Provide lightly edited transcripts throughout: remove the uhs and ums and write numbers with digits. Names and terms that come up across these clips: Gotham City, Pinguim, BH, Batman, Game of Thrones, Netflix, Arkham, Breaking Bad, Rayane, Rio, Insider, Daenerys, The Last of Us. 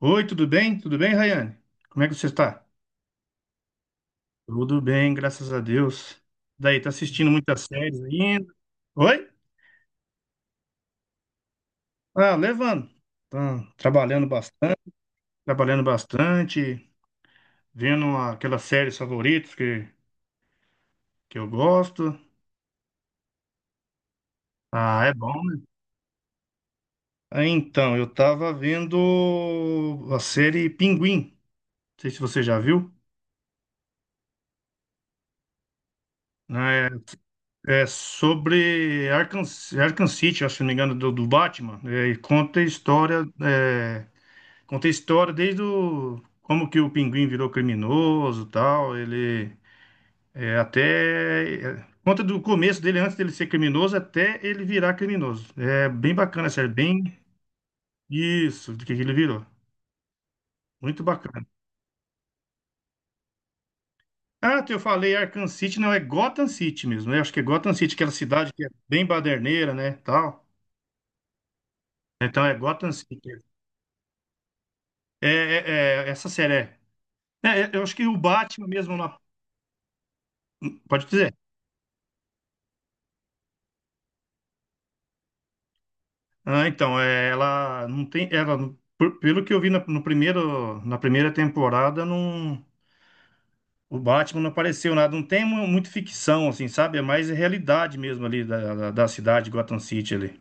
Oi, tudo bem? Tudo bem, Rayane? Como é que você está? Tudo bem, graças a Deus. Daí, tá assistindo muitas séries ainda? Oi? Ah, levando. Tá trabalhando bastante, trabalhando bastante, vendo aquelas séries favoritas que eu gosto. Ah, é bom, né? Então, eu tava vendo a série Pinguim. Não sei se você já viu. Né? É, é sobre Arkham City, acho, se não me engano, do Batman. É, e conta a história. Conta a história desde como que o pinguim virou criminoso, tal, ele é, até é, conta do começo dele antes dele ser criminoso até ele virar criminoso. É bem bacana a série, bem isso, do que ele virou. Muito bacana. Ah, eu falei Arkham City, não, é Gotham City mesmo, né? Acho que é Gotham City, aquela cidade que é bem baderneira, né, tal. Então é Gotham City. Essa série eu acho que o Batman mesmo pode dizer. Ah, então, é, ela não tem, pelo que eu vi no primeiro, na primeira temporada, não, o Batman não apareceu nada, não tem muito ficção, assim, sabe? É mais realidade mesmo ali da cidade, Gotham City ali.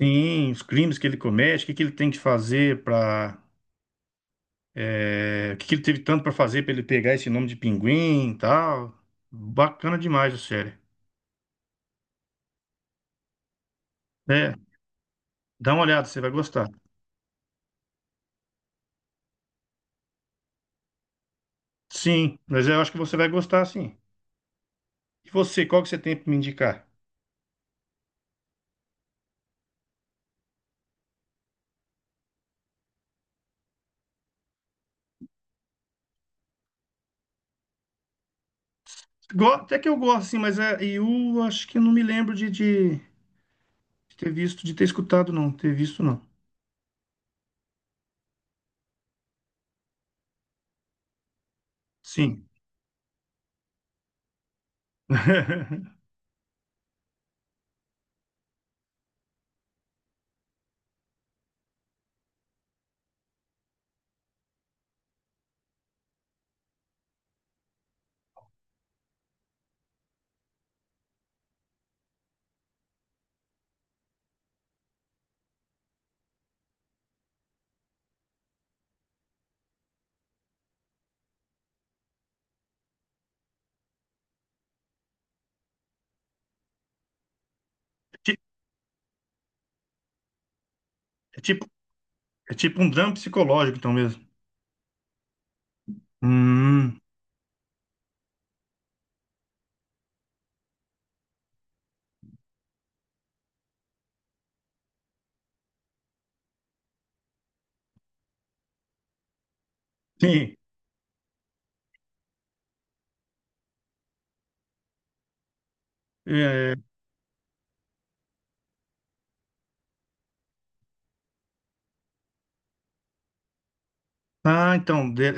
Sim, os crimes que ele comete, o que que ele tem que fazer o que que ele teve tanto para fazer para ele pegar esse nome de Pinguim e tal. Bacana demais a série. É, dá uma olhada, você vai gostar. Sim, mas eu acho que você vai gostar, sim. E você, qual que você tem para me indicar? Até que eu gosto, assim, mas é, eu acho que eu não me lembro de ter visto, de ter escutado, não. Ter visto, não. Sim. Ti- É tipo, é tipo um drama psicológico, então mesmo. Hum, sim. É, então, The,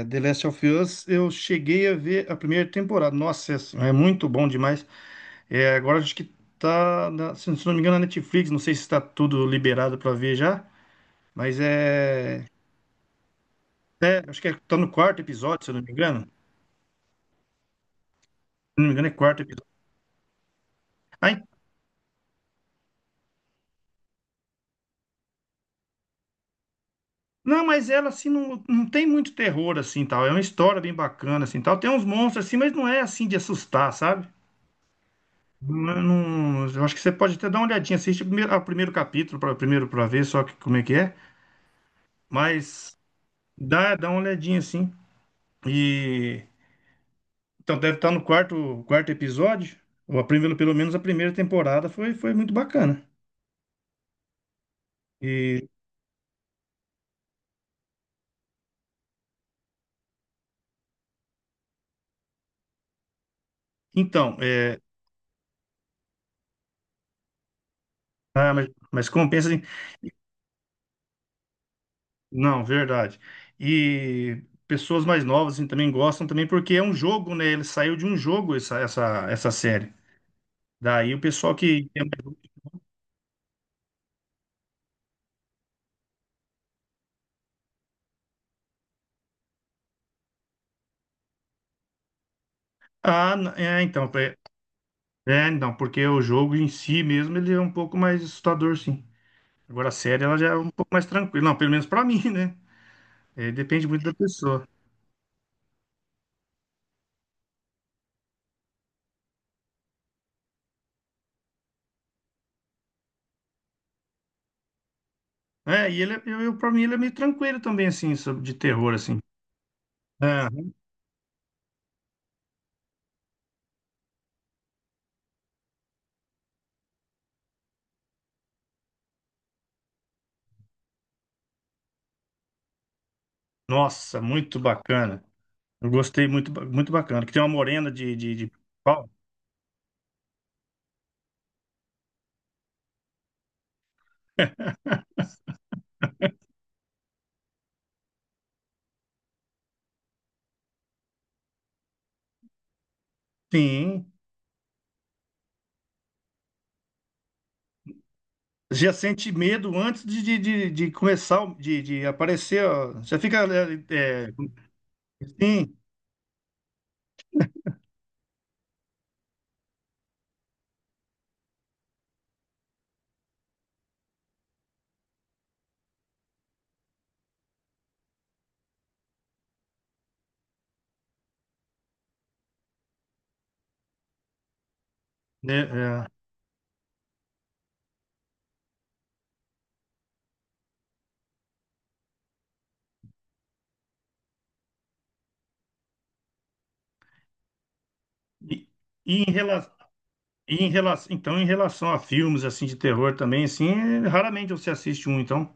é, The Last of Us, eu cheguei a ver a primeira temporada. Nossa, é muito bom demais. É, agora acho que se não me engano, na Netflix. Não sei se está tudo liberado para ver já, mas é, acho que é, tá no quarto episódio, se eu não me engano. Não me engano, é quarto episódio. Aí, não, mas ela assim não, não tem muito terror assim tal. É uma história bem bacana assim tal. Tem uns monstros assim, mas não é assim de assustar, sabe? Não, eu acho que você pode até dar uma olhadinha, assiste ao primeiro capítulo para ver como é que é, mas dá uma olhadinha assim. E então deve estar no quarto episódio. Ou a primeira, pelo menos a primeira temporada foi muito bacana. E então, ah, mas compensa. Não, verdade. E pessoas mais novas assim, também gostam também porque é um jogo, né? Ele saiu de um jogo essa série. Daí o pessoal que ah, n- é, então, é, não, porque o jogo em si mesmo ele é um pouco mais assustador, sim. Agora a série ela já é um pouco mais tranquila, não, pelo menos pra mim, né? É, depende muito da pessoa. É, eu para mim ele é meio tranquilo também assim, sobre de terror assim. Ah, nossa, muito bacana. Eu gostei muito, muito bacana. Que tem uma morena de. Sim. Já sente medo antes de começar, de aparecer, ó. Já fica, né, é, sim, né, é. E, e em relação, em relação, então, em relação a filmes, assim, de terror também, assim, é, raramente você assiste um, então.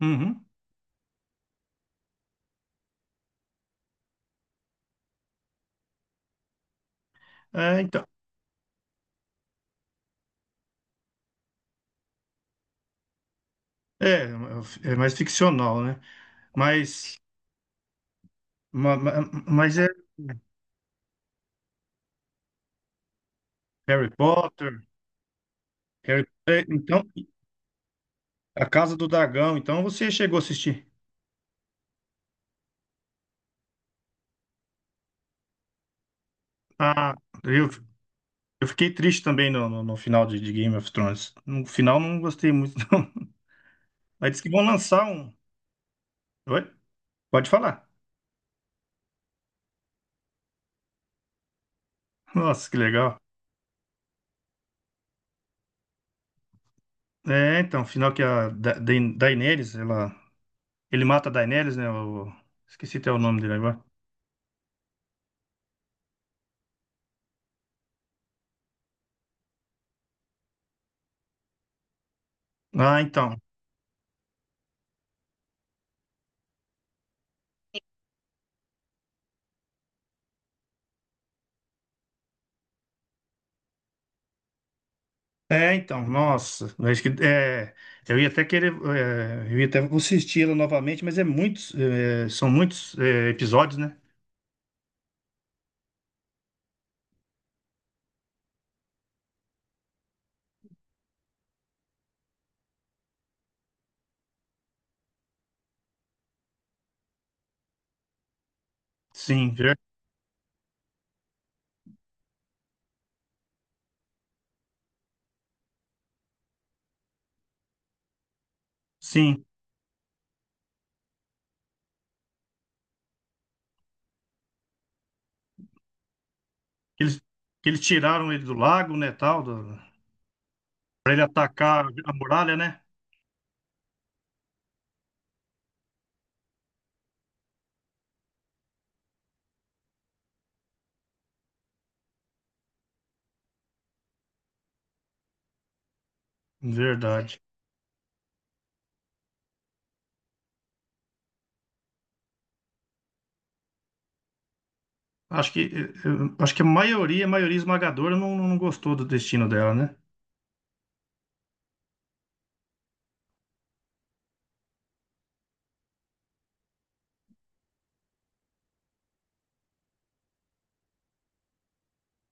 Uhum. É, então, é, é mais ficcional, né? Mas, mas é Harry Potter, então, A Casa do Dragão, então você chegou a assistir. Ah, eu, Eu fiquei triste também no final de Game of Thrones. No final não gostei muito, não. Mas diz que vão lançar um. Oi? Pode falar. Nossa, que legal. É, então, o final que a da Da- Daenerys, ela. Ele mata a Daenerys, né? o- Esqueci até o nome dele agora. Ah, então. É, então, nossa. Eu acho que, é, eu ia até querer. É, eu ia até assistir ela novamente, mas é muitos. É, são muitos é, episódios, né? Sim, ver- sim. Eles, eles tiraram ele do lago, né? Tal, do- Para ele atacar a muralha, né? Verdade. Acho que acho que a maioria esmagadora não gostou do destino dela, né?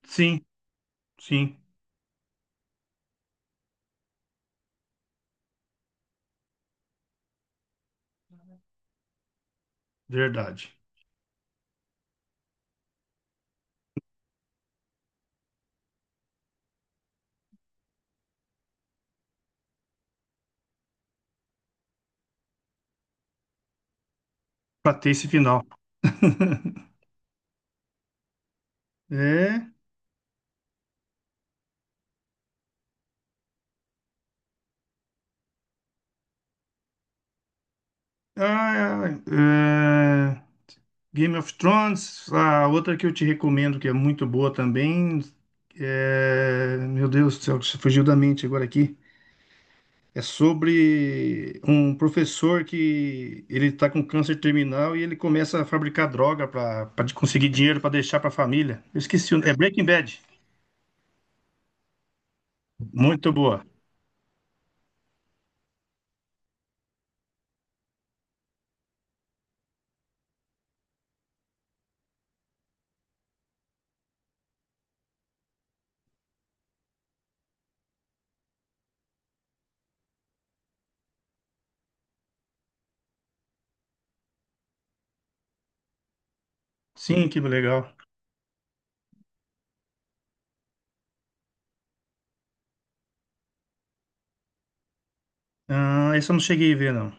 Sim, sim, verdade. Pra ter esse final. É, ah, é, Game of Thrones, a outra que eu te recomendo que é muito boa também. É, meu Deus do céu, fugiu da mente agora aqui. É sobre um professor que ele tá com câncer terminal e ele começa a fabricar droga para conseguir dinheiro para deixar para a família. Eu esqueci, é Breaking Bad. Muito boa. Sim, que legal. Ah, essa eu não cheguei a ver, não.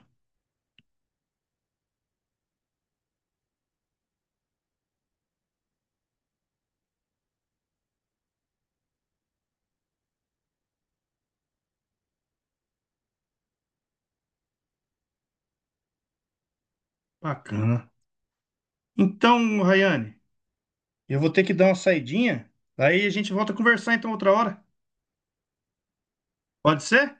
Bacana. Então, Rayane, eu vou ter que dar uma saidinha. Aí a gente volta a conversar então outra hora. Pode ser?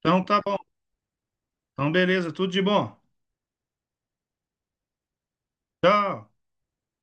Então tá bom. Então beleza, tudo de bom. Tchau.